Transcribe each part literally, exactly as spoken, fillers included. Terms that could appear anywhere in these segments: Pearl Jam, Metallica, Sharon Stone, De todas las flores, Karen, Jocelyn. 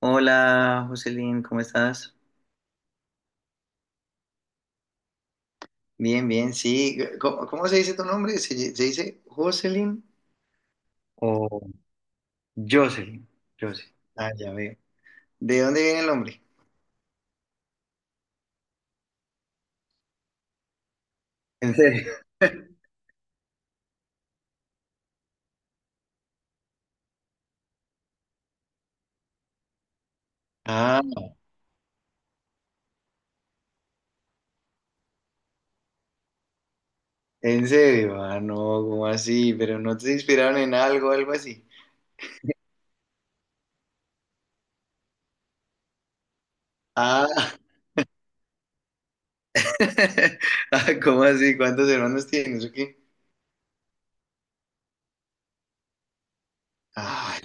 Hola, Jocelyn, ¿cómo estás? Bien, bien, sí. ¿Cómo, cómo se dice tu nombre? ¿Se, se dice Jocelyn? O Jocelyn, Jocelyn. Ah, ya veo. ¿De dónde viene el nombre? ¿En serio? Ah, ¿en serio? Ah, no, ¿cómo así? ¿Pero no te inspiraron en algo, algo así? Ah, ah, ¿cómo así? ¿Cuántos hermanos tienes o qué? Ay,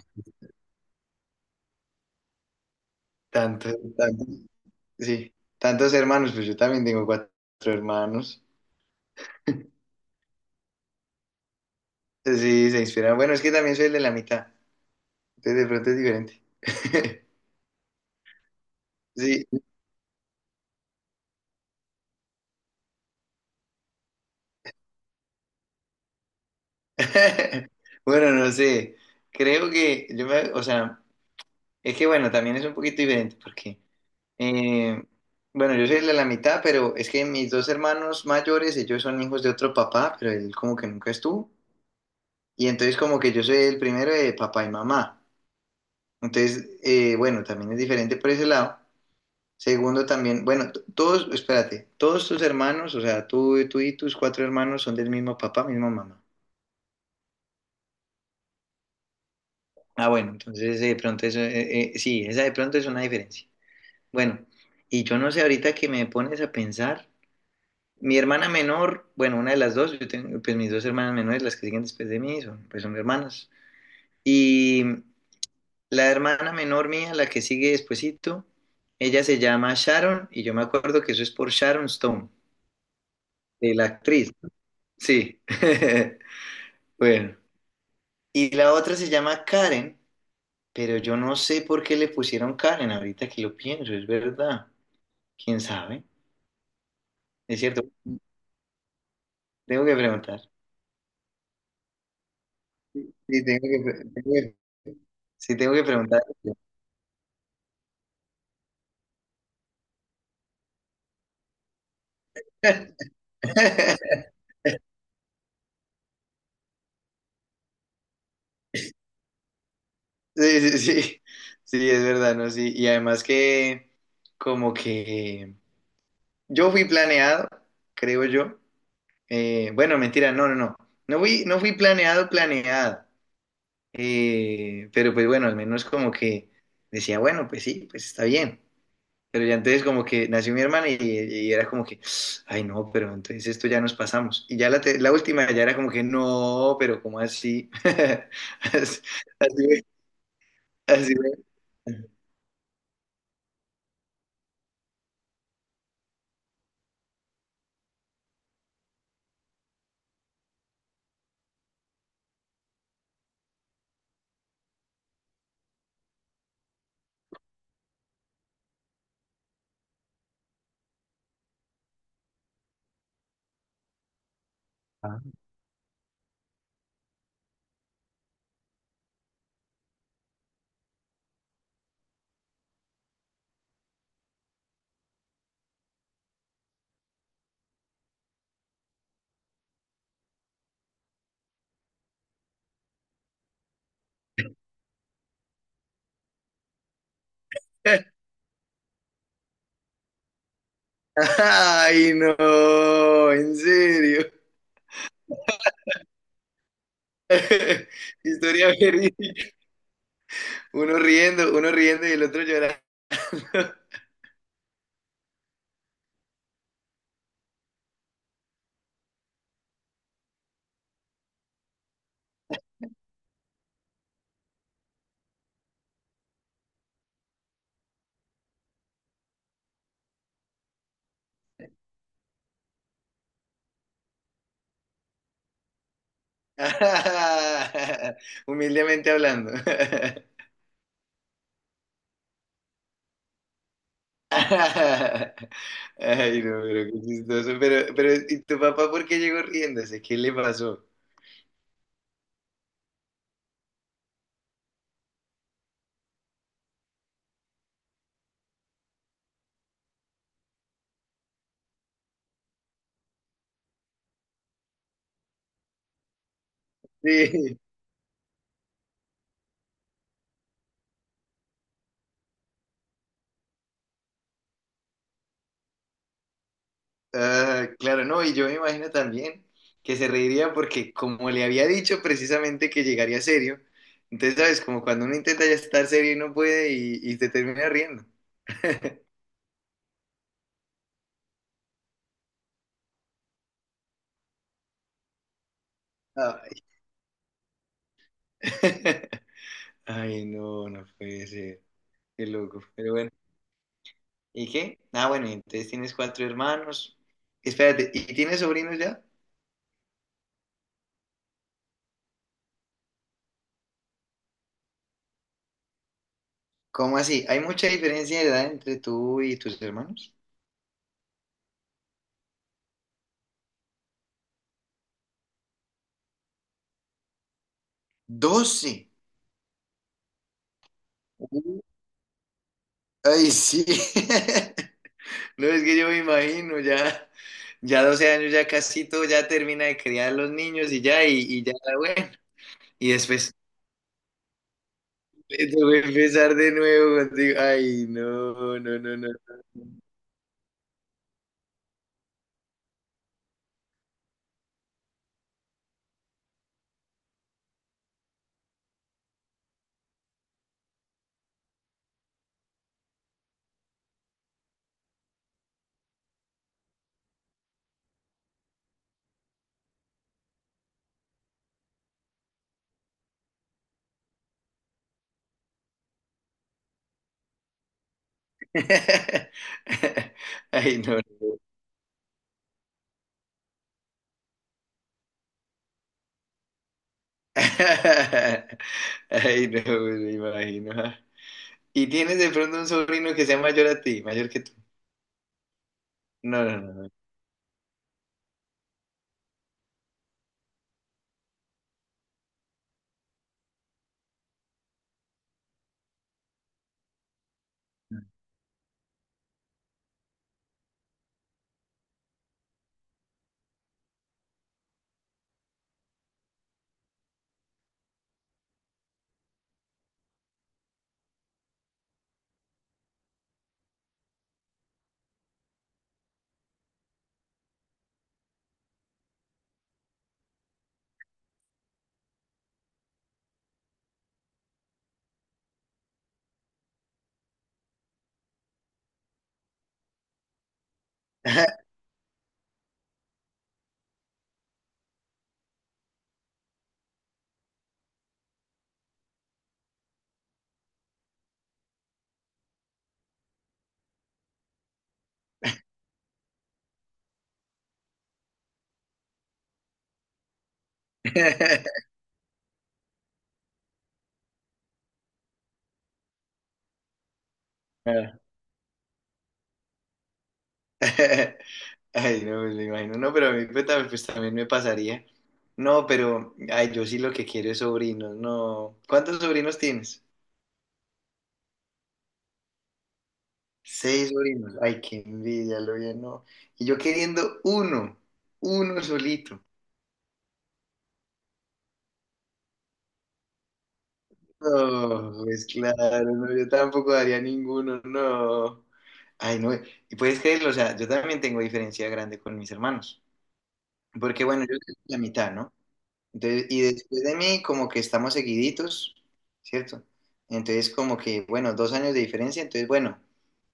tantos, tantos, sí, tantos hermanos, pues yo también tengo cuatro hermanos. Sí, se inspiraron. Bueno, es que también soy el de la mitad. Sí, de pronto es diferente. Sí. Bueno, no sé. Creo que yo me, o sea, es que bueno, también es un poquito diferente porque, eh, bueno, yo soy el de la mitad, pero es que mis dos hermanos mayores, ellos son hijos de otro papá, pero él como que nunca estuvo. Y entonces como que yo soy el primero de papá y mamá. Entonces, eh, bueno, también es diferente por ese lado. Segundo también, bueno, t- todos, espérate, todos tus hermanos, o sea, tú, tú y tus cuatro hermanos son del mismo papá, misma mamá. Ah, bueno, entonces eh, de pronto eso, eh, eh, sí, esa de pronto es una diferencia. Bueno, y yo no sé, ahorita que me pones a pensar, mi hermana menor, bueno, una de las dos, yo tengo, pues mis dos hermanas menores, las que siguen después de mí, son, pues son hermanas. Y la hermana menor mía, la que sigue despuesito, ella se llama Sharon, y yo me acuerdo que eso es por Sharon Stone, de la actriz. Sí. Bueno. Y la otra se llama Karen, pero yo no sé por qué le pusieron Karen, ahorita que lo pienso, es verdad. ¿Quién sabe? Es cierto, tengo que preguntar. Sí, tengo que, pre- tengo que- sí, tengo que preguntar. Sí, sí, sí, sí, es verdad, ¿no? Sí, y además que como que yo fui planeado, creo yo. Eh, bueno, mentira, no, no, no. No fui, no fui planeado, planeado. Eh, pero pues bueno, al menos como que decía, bueno, pues sí, pues está bien. Pero ya entonces como que nació mi hermana y, y era como que, ay no, pero entonces esto ya nos pasamos. Y ya la, te- la última ya era como que, no, pero ¿cómo así? Así, así, así. Ah. Ay no, en serio. Historia verídica. Uno riendo, uno riendo y el otro llorando. Humildemente hablando. Ay, no, pero qué chistoso. Pero, pero, ¿y tu papá por qué llegó riéndose? ¿Qué le pasó? Sí. Ah, claro, no, y yo me imagino también que se reiría porque como le había dicho precisamente que llegaría serio, entonces, ¿sabes? Como cuando uno intenta ya estar serio y no puede y, y te termina riendo. Ay. Ay, no, no puede ser. Qué loco. Pero bueno. ¿Y qué? Ah, bueno, y entonces tienes cuatro hermanos. Espérate, ¿y tienes sobrinos ya? ¿Cómo así? ¿Hay mucha diferencia de edad entre tú y tus hermanos? Doce. Uh, Ay, sí. No es que yo me imagino, ya, ya doce años, ya casi todo, ya termina de criar los niños y ya, y, y ya, bueno. Y después eh, te voy a empezar de nuevo contigo. Ay, no, no, no, no. Ay, no. no. Ay, no, me imagino. ¿Y tienes de pronto un sobrino que sea mayor a ti, mayor que tú? No, no, no. no. Ay, no, pues me lo imagino. No, pero a mí pues, tam- pues, también me pasaría. No, pero ay, yo sí lo que quiero es sobrinos. No. ¿Cuántos sobrinos tienes? Seis sobrinos. Ay, qué envidia, lo bien, no. Y yo queriendo uno, uno solito. No, pues claro, no, yo tampoco daría ninguno, no. Ay, no. Y puedes creerlo, o sea, yo también tengo diferencia grande con mis hermanos. Porque bueno, yo soy la mitad, ¿no? Entonces, y después de mí, como que estamos seguiditos, ¿cierto? Entonces, como que, bueno, dos años de diferencia, entonces, bueno,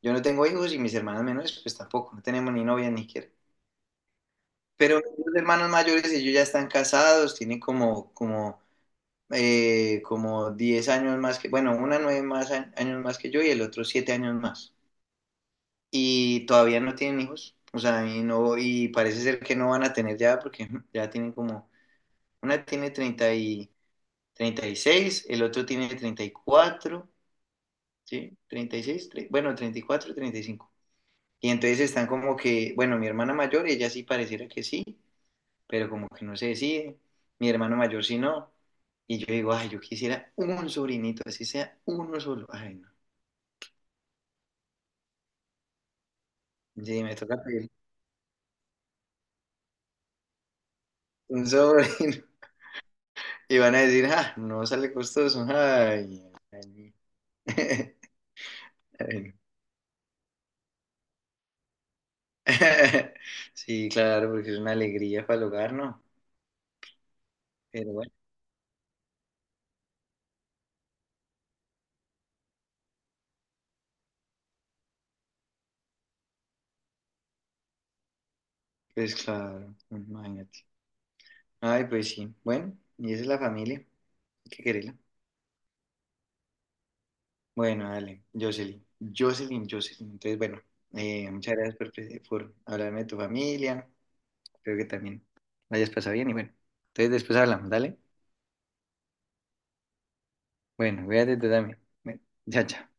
yo no tengo hijos y mis hermanos menores, pues tampoco, no tenemos ni novia ni siquiera. Pero mis hermanos mayores, ellos ya están casados, tienen como, como, eh, como diez años más que, bueno, una nueve más a- años más que yo y el otro siete años más. Y todavía no tienen hijos, o sea, y no, y parece ser que no van a tener ya, porque ya tienen como, una tiene treinta y... treinta y seis, el otro tiene treinta y cuatro, ¿sí? Treinta y seis, bueno, treinta y cuatro, treinta y cinco. Y cinco. Y entonces están como que, bueno, mi hermana mayor, ella sí pareciera que sí, pero como que no se decide, mi hermano mayor sí no. Y yo digo, ay, yo quisiera un sobrinito, así sea uno solo. Ay, no. Sí, me toca pedir un sobrino. Y van a decir, ah, no sale costoso. Ay, ay. Ay, no. Sí, claro, porque es una alegría para el hogar, ¿no? Pero bueno. Pues claro, imagínate. Ay, pues sí. Bueno, y esa es la familia. Hay que quererla. Bueno, dale, Jocelyn. Jocelyn, Jocelyn. Entonces, bueno, eh, muchas gracias por, pre- por hablarme de tu familia. Creo que también la hayas pasado bien y bueno. Entonces, después hablamos, dale. Bueno, cuídate tú también. Bueno, chao, chao.